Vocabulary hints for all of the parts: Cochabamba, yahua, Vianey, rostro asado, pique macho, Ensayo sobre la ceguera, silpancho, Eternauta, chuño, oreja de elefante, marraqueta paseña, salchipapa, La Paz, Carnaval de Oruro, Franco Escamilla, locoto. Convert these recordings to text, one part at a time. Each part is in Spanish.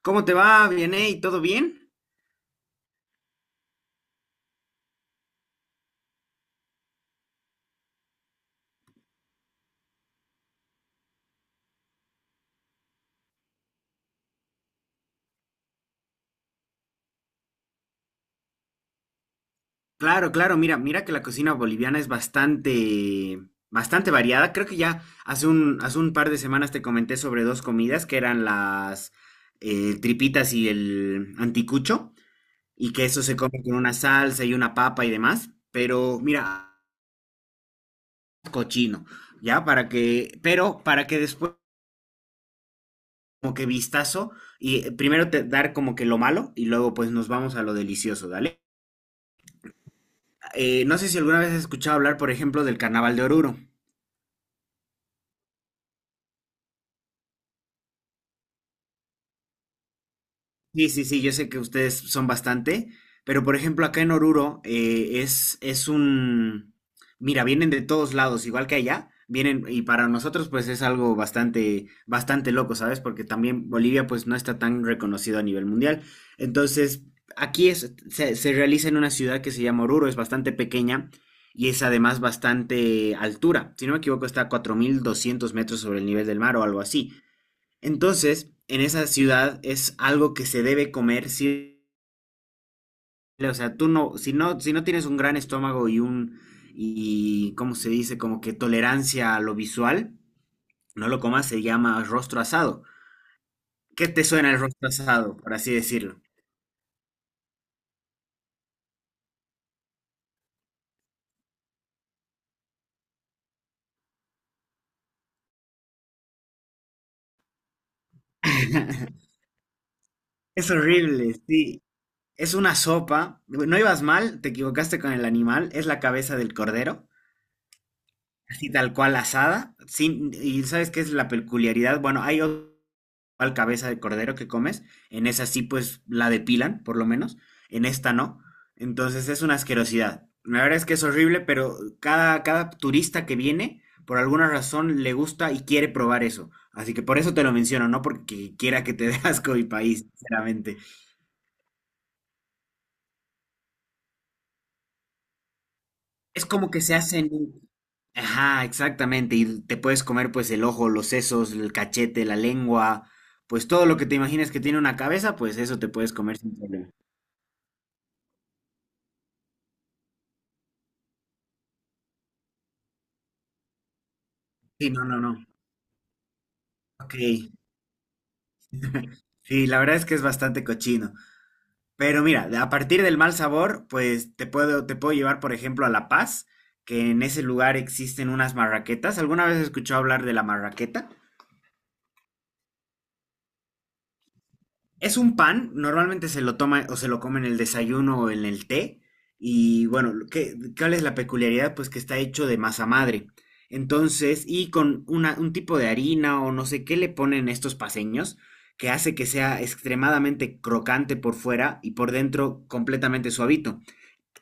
¿Cómo te va, Vianey? ¿Todo bien? Claro, claro, mira, mira que la cocina boliviana es bastante, bastante variada. Creo que ya hace un par de semanas te comenté sobre dos comidas que eran las tripitas y el anticucho, y que eso se come con una salsa y una papa y demás. Pero mira, cochino, ya para que, pero para que después como que vistazo y primero te dar como que lo malo y luego pues nos vamos a lo delicioso, ¿dale? No sé si alguna vez has escuchado hablar, por ejemplo, del Carnaval de Oruro. Sí, sí, sí, yo sé que ustedes son bastante, pero por ejemplo acá en Oruro es un... Mira, vienen de todos lados, igual que allá, vienen y para nosotros pues es algo bastante, bastante loco, ¿sabes? Porque también Bolivia pues no está tan reconocido a nivel mundial. Entonces, aquí es, se realiza en una ciudad que se llama Oruro, es bastante pequeña y es además bastante altura. Si no me equivoco, está a 4.200 metros sobre el nivel del mar o algo así. Entonces, en esa ciudad es algo que se debe comer, sí, o sea, tú no, si no tienes un gran estómago y un, y, ¿cómo se dice? Como que tolerancia a lo visual, no lo comas, se llama rostro asado. ¿Qué te suena el rostro asado, por así decirlo? Es horrible, sí. Es una sopa. No ibas mal, te equivocaste con el animal, es la cabeza del cordero. Así tal cual asada. Sin, y ¿sabes qué es la peculiaridad? Bueno, hay otra igual cabeza de cordero que comes. En esa sí, pues la depilan, por lo menos. En esta no. Entonces es una asquerosidad. La verdad es que es horrible, pero cada turista que viene, por alguna razón, le gusta y quiere probar eso. Así que por eso te lo menciono, no porque quiera que te dé asco mi país, sinceramente. Es como que se hacen. Ajá, exactamente. Y te puedes comer pues el ojo, los sesos, el cachete, la lengua, pues todo lo que te imagines que tiene una cabeza, pues eso te puedes comer sin problema. Sí, no, no, no. Ok. Sí, la verdad es que es bastante cochino. Pero mira, a partir del mal sabor, pues te puedo llevar, por ejemplo, a La Paz, que en ese lugar existen unas marraquetas. ¿Alguna vez has escuchado hablar de la marraqueta? Es un pan, normalmente se lo toma o se lo come en el desayuno o en el té. Y bueno, ¿cuál es la peculiaridad? Pues que está hecho de masa madre. Entonces, y con un tipo de harina o no sé qué le ponen estos paseños, que hace que sea extremadamente crocante por fuera y por dentro completamente suavito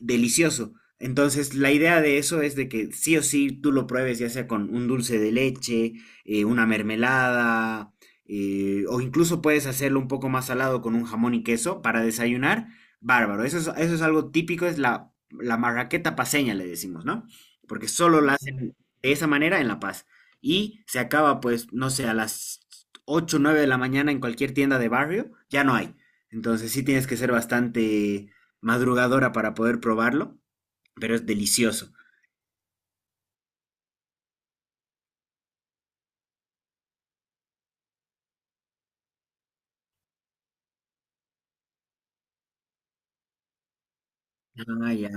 delicioso. Entonces, la idea de eso es de que sí o sí tú lo pruebes, ya sea con un dulce de leche, una mermelada, o incluso puedes hacerlo un poco más salado con un jamón y queso para desayunar. Bárbaro. Eso es algo típico, es la, marraqueta paseña, le decimos, ¿no? Porque solo la hacen de esa manera en La Paz. Y se acaba, pues, no sé, a las 8 o 9 de la mañana en cualquier tienda de barrio, ya no hay. Entonces, sí tienes que ser bastante madrugadora para poder probarlo, pero es delicioso. Ah, ya.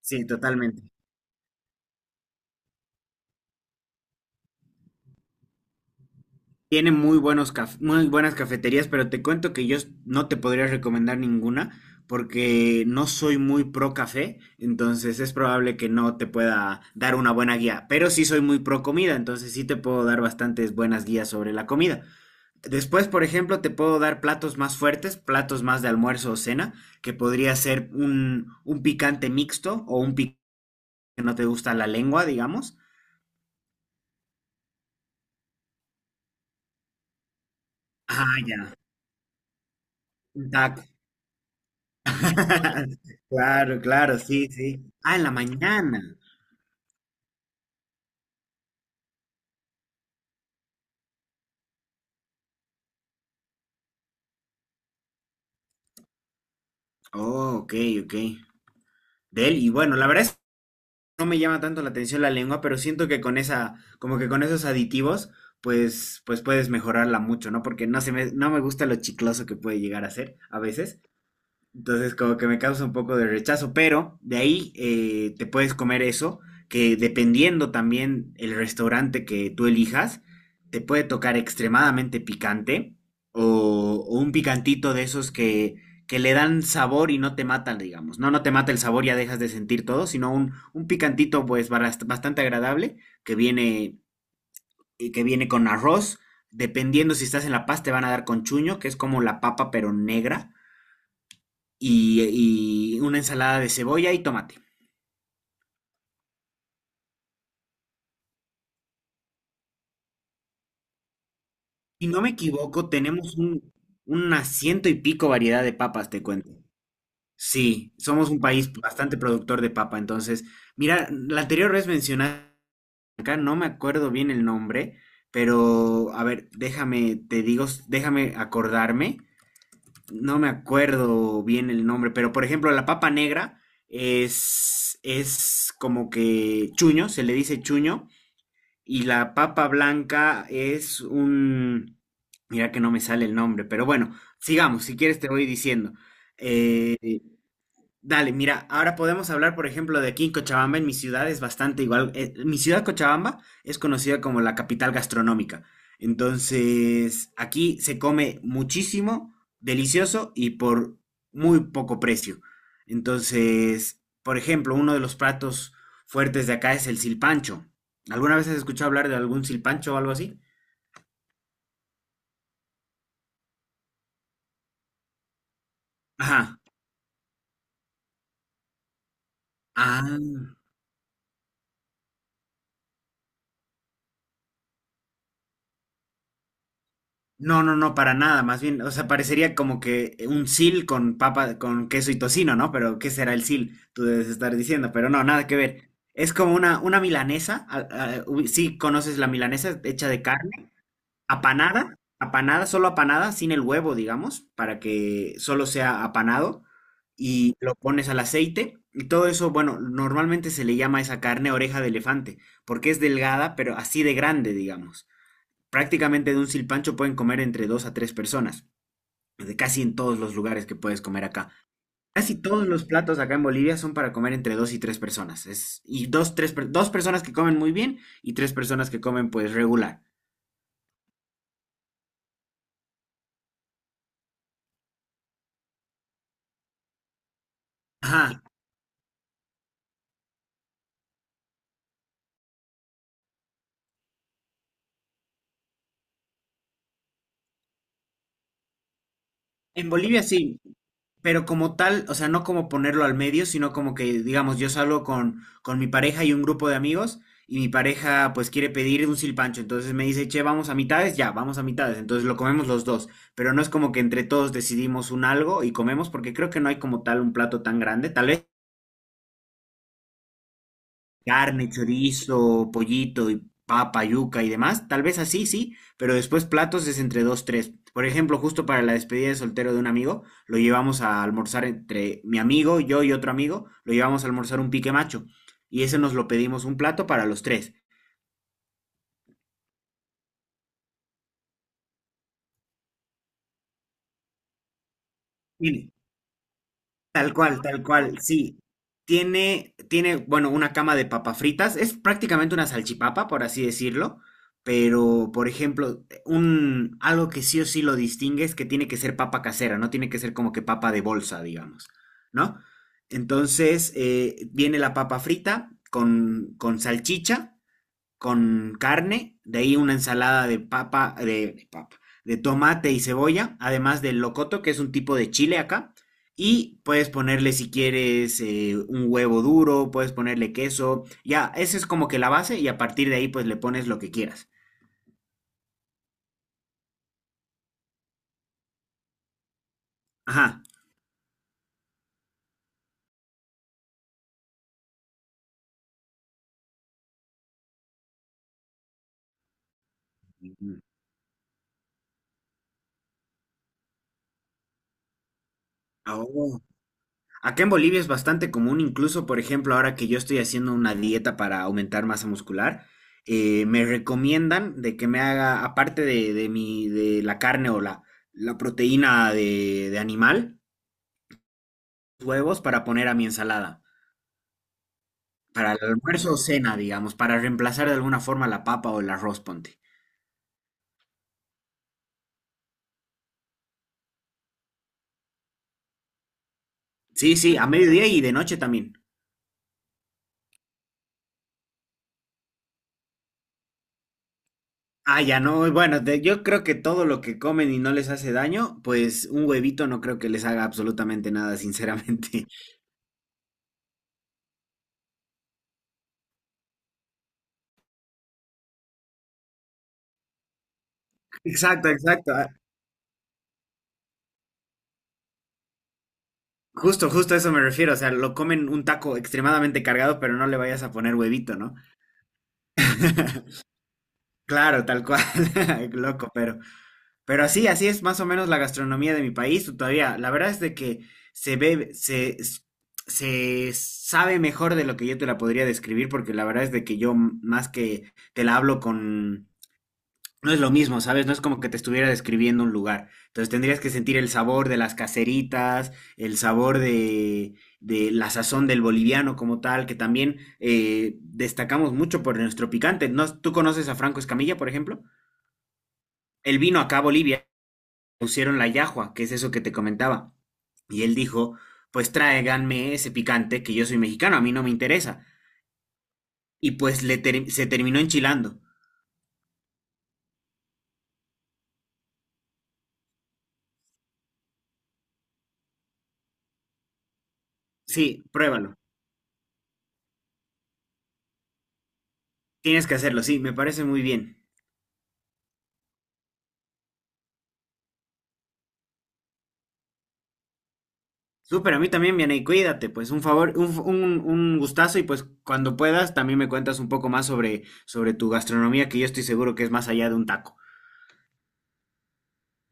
Sí, totalmente. Tiene muy buenos muy buenas cafeterías, pero te cuento que no te podría recomendar ninguna porque no soy muy pro café, entonces es probable que no te pueda dar una buena guía, pero sí soy muy pro comida, entonces sí te puedo dar bastantes buenas guías sobre la comida. Después, por ejemplo, te puedo dar platos más fuertes, platos más de almuerzo o cena, que podría ser un picante mixto o un picante que no te gusta la lengua, digamos. Ah, ya. Un taco. Claro, claro, sí, sí. Ah, en la mañana. Oh, ok, ok. Del, y bueno, la verdad es que no me llama tanto la atención la lengua, pero siento que con esa, como que con esos aditivos, pues, pues puedes mejorarla mucho, ¿no? Porque no se me, no me gusta lo chicloso que puede llegar a ser a veces. Entonces, como que me causa un poco de rechazo, pero de ahí te puedes comer eso, que dependiendo también el restaurante que tú elijas, te puede tocar extremadamente picante o, un picantito de esos que, le dan sabor y no te matan, digamos. No, no te mata el sabor, ya dejas de sentir todo, sino un picantito pues bastante agradable que viene, y que viene con arroz. Dependiendo si estás en La Paz, te van a dar con chuño, que es como la papa pero negra y una ensalada de cebolla y tomate. Si no me equivoco, tenemos un, una ciento y pico variedad de papas, te cuento. Sí, somos un país bastante productor de papa, entonces, mira, la anterior vez mencionaste, acá no me acuerdo bien el nombre, pero a ver, déjame, te digo, déjame acordarme, no me acuerdo bien el nombre, pero por ejemplo, la papa negra es como que chuño, se le dice chuño, y la papa blanca es un... Mira que no me sale el nombre, pero bueno, sigamos, si quieres te voy diciendo. Eh, Dale, mira, ahora podemos hablar, por ejemplo, de aquí en Cochabamba, en mi ciudad es bastante igual. Mi ciudad, Cochabamba, es conocida como la capital gastronómica. Entonces, aquí se come muchísimo, delicioso y por muy poco precio. Entonces, por ejemplo, uno de los platos fuertes de acá es el silpancho. ¿Alguna vez has escuchado hablar de algún silpancho o algo así? Ajá. Ah. No, no, no, para nada, más bien, o sea, parecería como que un sil con papa, con queso y tocino, ¿no? Pero, ¿qué será el sil? Tú debes estar diciendo, pero no, nada que ver. Es como una milanesa, uy, sí, conoces la milanesa hecha de carne, apanada, apanada, solo apanada, sin el huevo, digamos, para que solo sea apanado, y lo pones al aceite, y todo eso, bueno, normalmente se le llama a esa carne oreja de elefante, porque es delgada, pero así de grande, digamos. Prácticamente de un silpancho pueden comer entre dos a tres personas, de casi en todos los lugares que puedes comer acá. Casi todos los platos acá en Bolivia son para comer entre dos y tres personas. Es, y dos, tres, dos personas que comen muy bien y tres personas que comen pues regular. Ajá. En Bolivia sí, pero como tal, o sea, no como ponerlo al medio, sino como que, digamos, yo salgo con, mi pareja y un grupo de amigos, y mi pareja pues quiere pedir un silpancho, entonces me dice, che, vamos a mitades, ya, vamos a mitades, entonces lo comemos los dos, pero no es como que entre todos decidimos un algo y comemos, porque creo que no hay como tal un plato tan grande, tal vez carne, chorizo, pollito y papa, yuca y demás, tal vez así, sí, pero después platos es entre dos, tres. Por ejemplo, justo para la despedida de soltero de un amigo, lo llevamos a almorzar entre mi amigo, yo y otro amigo, lo llevamos a almorzar un pique macho. Y ese nos lo pedimos un plato para los tres. Tal cual, sí. Tiene, tiene, bueno, una cama de papas fritas. Es prácticamente una salchipapa, por así decirlo. Pero, por ejemplo, un, algo que sí o sí lo distingue es que tiene que ser papa casera, no tiene que ser como que papa de bolsa, digamos, ¿no? Entonces, viene la papa frita con, salchicha con carne, de ahí una ensalada de papa, de papa, de tomate y cebolla, además del locoto, que es un tipo de chile acá. Y puedes ponerle si quieres un huevo duro, puedes ponerle queso. Ya, esa es como que la base y a partir de ahí pues le pones lo que quieras. Ajá. Oh. Acá en Bolivia es bastante común, incluso por ejemplo, ahora que yo estoy haciendo una dieta para aumentar masa muscular, me recomiendan de que me haga, aparte de mi, de la carne o la proteína de animal, huevos para poner a mi ensalada, para el almuerzo o cena, digamos, para reemplazar de alguna forma la papa o el arroz, ponte. Sí, sí, a mediodía y de noche también. Ah, ya no, bueno, de- yo creo que todo lo que comen y no les hace daño, pues un huevito no creo que les haga absolutamente nada, sinceramente. Exacto, exacto. Ah, justo, justo a eso me refiero. O sea, lo comen un taco extremadamente cargado, pero no le vayas a poner huevito, ¿no? Claro, tal cual. Loco, pero así, así es más o menos la gastronomía de mi país. Todavía, la verdad es de que se ve, se sabe mejor de lo que yo te la podría describir, porque la verdad es de que más que te la hablo con. No es lo mismo, ¿sabes? No es como que te estuviera describiendo un lugar. Entonces tendrías que sentir el sabor de las caseritas, el sabor de, la sazón del boliviano como tal, que también destacamos mucho por nuestro picante. ¿No? ¿Tú conoces a Franco Escamilla, por ejemplo? Él vino acá a Bolivia, pusieron la yahua, que es eso que te comentaba. Y él dijo, pues tráiganme ese picante, que yo soy mexicano, a mí no me interesa. Y pues se terminó enchilando. Sí, pruébalo. Tienes que hacerlo, sí, me parece muy bien. Súper, a mí también, viene y cuídate, pues un favor, un gustazo y pues cuando puedas también me cuentas un poco más sobre tu gastronomía, que yo estoy seguro que es más allá de un taco.